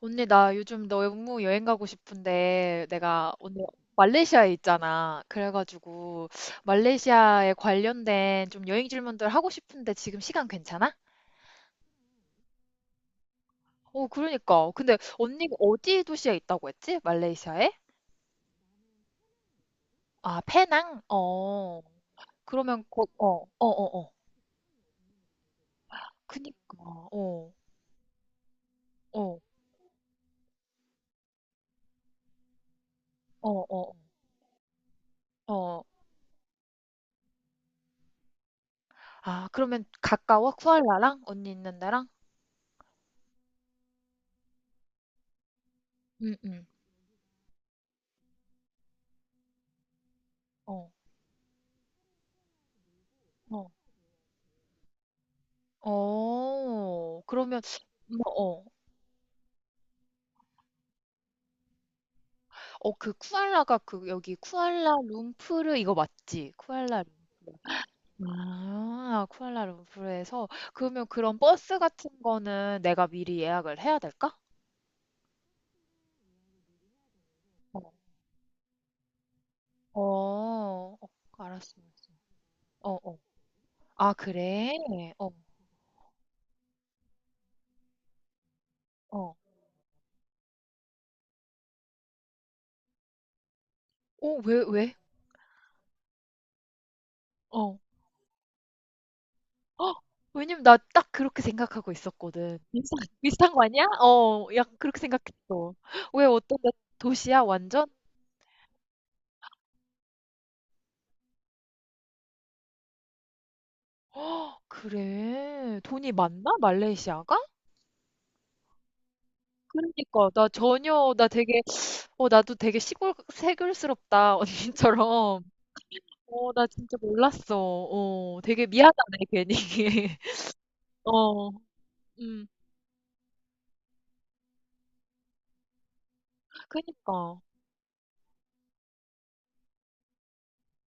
언니, 나 요즘 너무 여행 가고 싶은데, 내가 언니 말레이시아에 있잖아. 그래가지고, 말레이시아에 관련된 좀 여행 질문들 하고 싶은데 지금 시간 괜찮아? 어, 그러니까. 근데 언니가 어디 도시에 있다고 했지? 말레이시아에? 아, 페낭? 어. 그러면 곧, 어, 어, 어, 어. 그니까, 어, 어, 어, 어, 어. 아, 그러면 가까워? 쿠알라랑? 언니 있는 데랑? 응, 응. 어, 어. 어, 그러면, 뭐, 어. 어, 그 쿠알라가 그 여기 쿠알라룸푸르 이거 맞지? 쿠알라룸푸르. 아, 쿠알라룸푸르에서 그러면 그런 버스 같은 거는 내가 미리 예약을 해야 될까? 어, 어, 어, 알았습니다. 어, 어. 아, 그래? 어, 어. 어, 왜, 왜? 어. 헉, 왜냐면 나 딱 그렇게 생각하고 있었거든. 비슷한 거 아니야? 어, 약간 그렇게 생각했어. 왜 어떤 데 도시야, 완전? 헉, 그래. 돈이 많나? 말레이시아가? 그러니까 나 전혀 나 되게. 어, 나도 되게 시골 새글스럽다 언니처럼. 어, 나 진짜 몰랐어. 어, 되게 미안하네, 괜히. 어. 음. 그니까.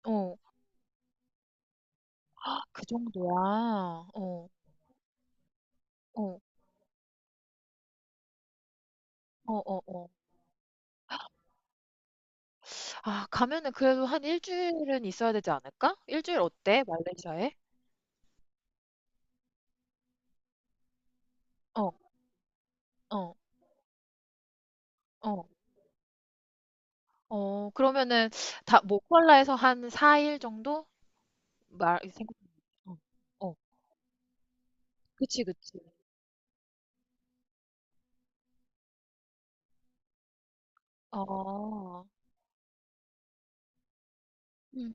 어, 그 정도야? 어, 어, 어, 어, 어. 아, 가면은 그래도 한 일주일은 있어야 되지 않을까? 일주일 어때, 말레이시아에? 어, 어, 어, 어, 그러면은 다 모콜라에서 한 4일 정도 말 생각. 어, 어, 그치, 그치. 어. 음,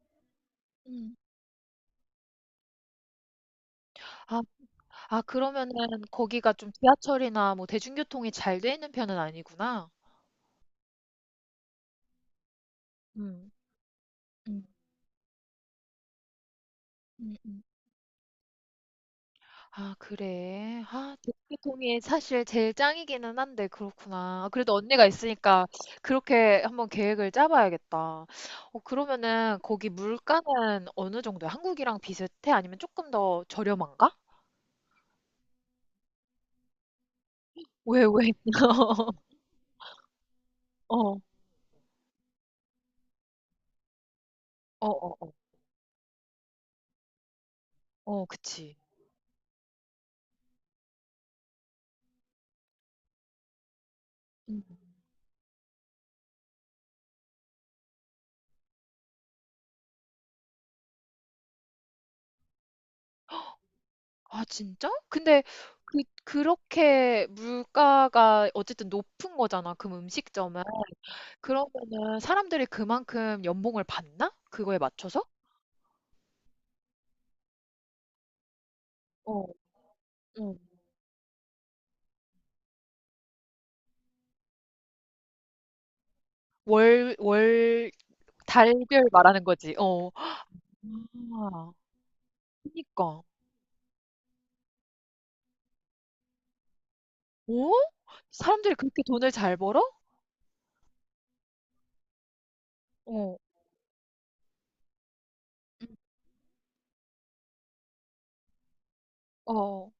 음. 아, 아, 그러면은 거기가 좀 지하철이나 뭐 대중교통이 잘 돼 있는 편은 아니구나. 음. 음, 음, 음. 아, 그래. 아, 대중교통이 사실 제일 짱이기는 한데, 그렇구나. 아, 그래도 언니가 있으니까 그렇게 한번 계획을 짜봐야겠다. 어, 그러면은 거기 물가는 어느 정도야? 한국이랑 비슷해? 아니면 조금 더 저렴한가? 왜, 왜? 어, 어, 어, 어, 어, 그치. 아 진짜? 근데 그렇게 물가가 어쨌든 높은 거잖아, 그 음식점은. 그러면은 사람들이 그만큼 연봉을 받나? 그거에 맞춰서? 어, 응. 월, 달별 말하는 거지. 어. 아, 그니까. 어? 사람들이 그렇게 돈을 잘 벌어? 어. 음, 어.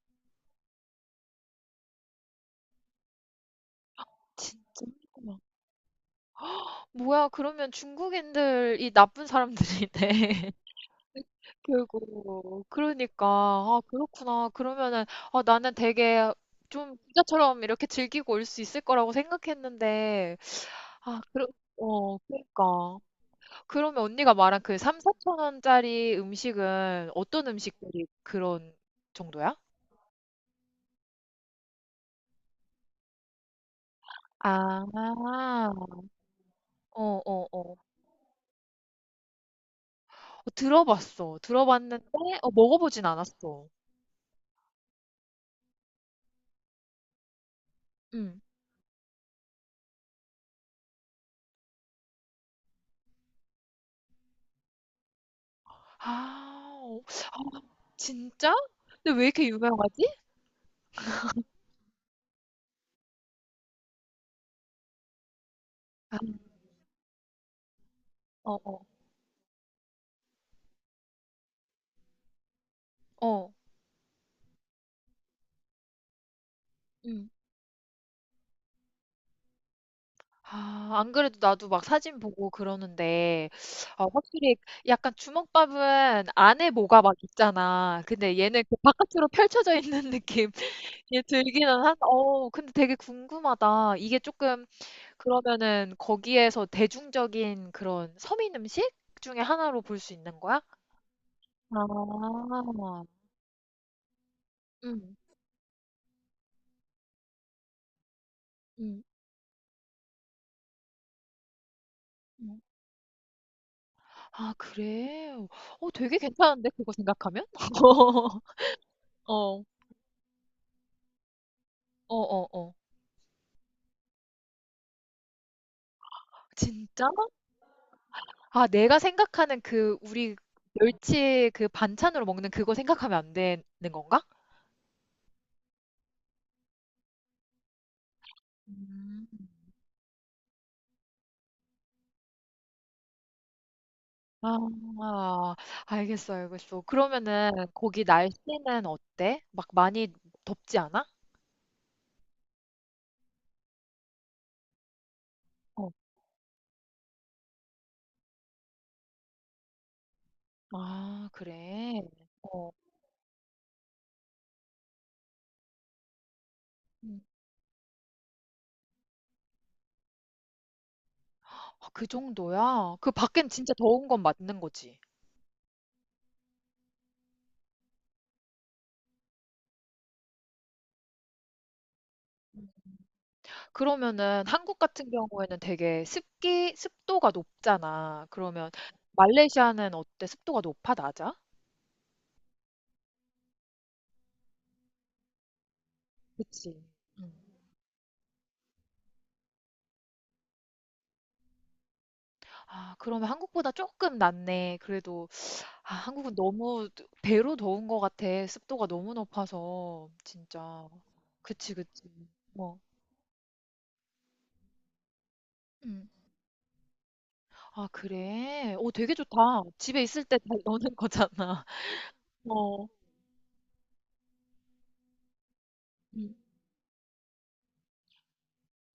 진짜. 뭐야, 그러면 중국인들이 나쁜 사람들이네. 그리고 그러니까 아, 그렇구나. 그러면은, 아, 나는 되게 좀 부자처럼 이렇게 즐기고 올 수 있을 거라고 생각했는데. 아 그러. 어, 그러니까 그러면 언니가 말한 그 3, 4천 원짜리 음식은 어떤 음식들이 그런 정도야? 아, 어, 어, 어. 들어봤어. 들어봤는데 어, 먹어보진 않았어. 응. 아, 어, 진짜? 근데 왜 이렇게 유명하지? 어, 어, 어. 응. 아, 안 그래도 나도 막 사진 보고 그러는데 어, 확실히 약간 주먹밥은 안에 뭐가 막 있잖아. 근데 얘는 그 바깥으로 펼쳐져 있는 느낌 들기는 한. 어, 근데 되게 궁금하다. 이게 조금. 그러면은 거기에서 대중적인 그런 서민 음식 중에 하나로 볼 수 있는 거야? 아. 음. 음. 음. 아, 그래? 어, 되게 괜찮은데 그거 생각하면? 어. 어어어. 진짜? 아, 내가 생각하는 그 우리 멸치, 그 반찬으로 먹는 그거 생각하면 안 되는 건가? 음. 아, 알겠어, 알겠어. 그러면은 거기 날씨는 어때? 막 많이 덥지 않아? 어. 아, 그래. 어. 음. 아, 그 정도야? 그 밖엔 진짜 더운 건 맞는 거지. 음. 그러면은 한국 같은 경우에는 되게 습기, 습도가 높잖아. 그러면 말레이시아는 어때? 습도가 높아, 낮아? 그치. 음. 아, 그러면 한국보다 조금 낫네. 그래도, 아, 한국은 너무 배로 더운 것 같아. 습도가 너무 높아서. 진짜. 그치, 그치. 뭐. 음. 아, 그래? 오, 되게 좋다. 집에 있을 때 다 넣는 거잖아. 어. 음.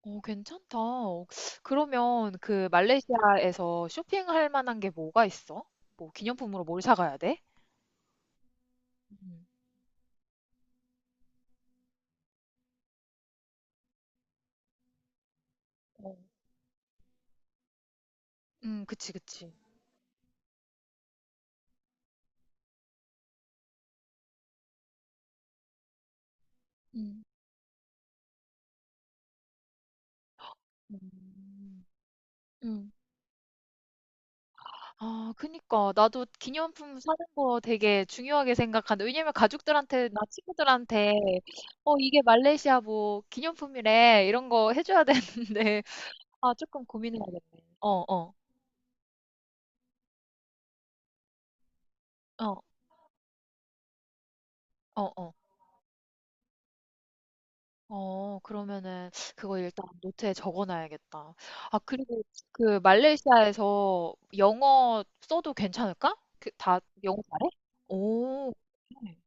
어, 괜찮다. 그러면 그 말레이시아에서 쇼핑할 만한 게 뭐가 있어? 뭐 기념품으로 뭘 사가야 돼? 음, 어. 그치, 그치. 음. 음. 음. 아, 그니까. 나도 기념품 사는 거 되게 중요하게 생각한다. 왜냐면 가족들한테 나 친구들한테 "어, 이게 말레이시아 뭐 기념품이래." 이런 거 해 줘야 되는데. 아, 조금 고민해야겠네. 어, 어. 어. 어, 어. 어, 어. 어, 어, 그러면은 그거 일단 노트에 적어 놔야겠다. 아, 그리고 그 말레이시아에서 영어 써도 괜찮을까? 그 다 영어 잘해? 오. 그래.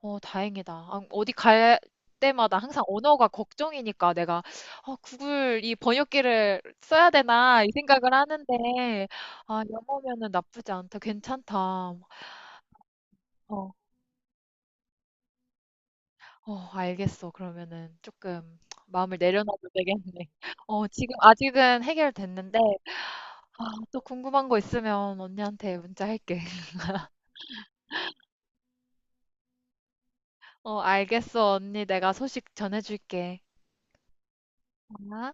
어, 다행이다. 아, 어디 갈 때마다 항상 언어가 걱정이니까 내가 어, 구글 이 번역기를 써야 되나 이 생각을 하는데. 아, 영어면은 나쁘지 않다. 괜찮다. 어, 어, 알겠어. 그러면은 조금 마음을 내려놔도 되겠네. 어, 지금 아직은 해결됐는데. 아, 또 궁금한 거 있으면 언니한테 문자할게. 어, 알겠어, 언니. 내가 소식 전해줄게. 아.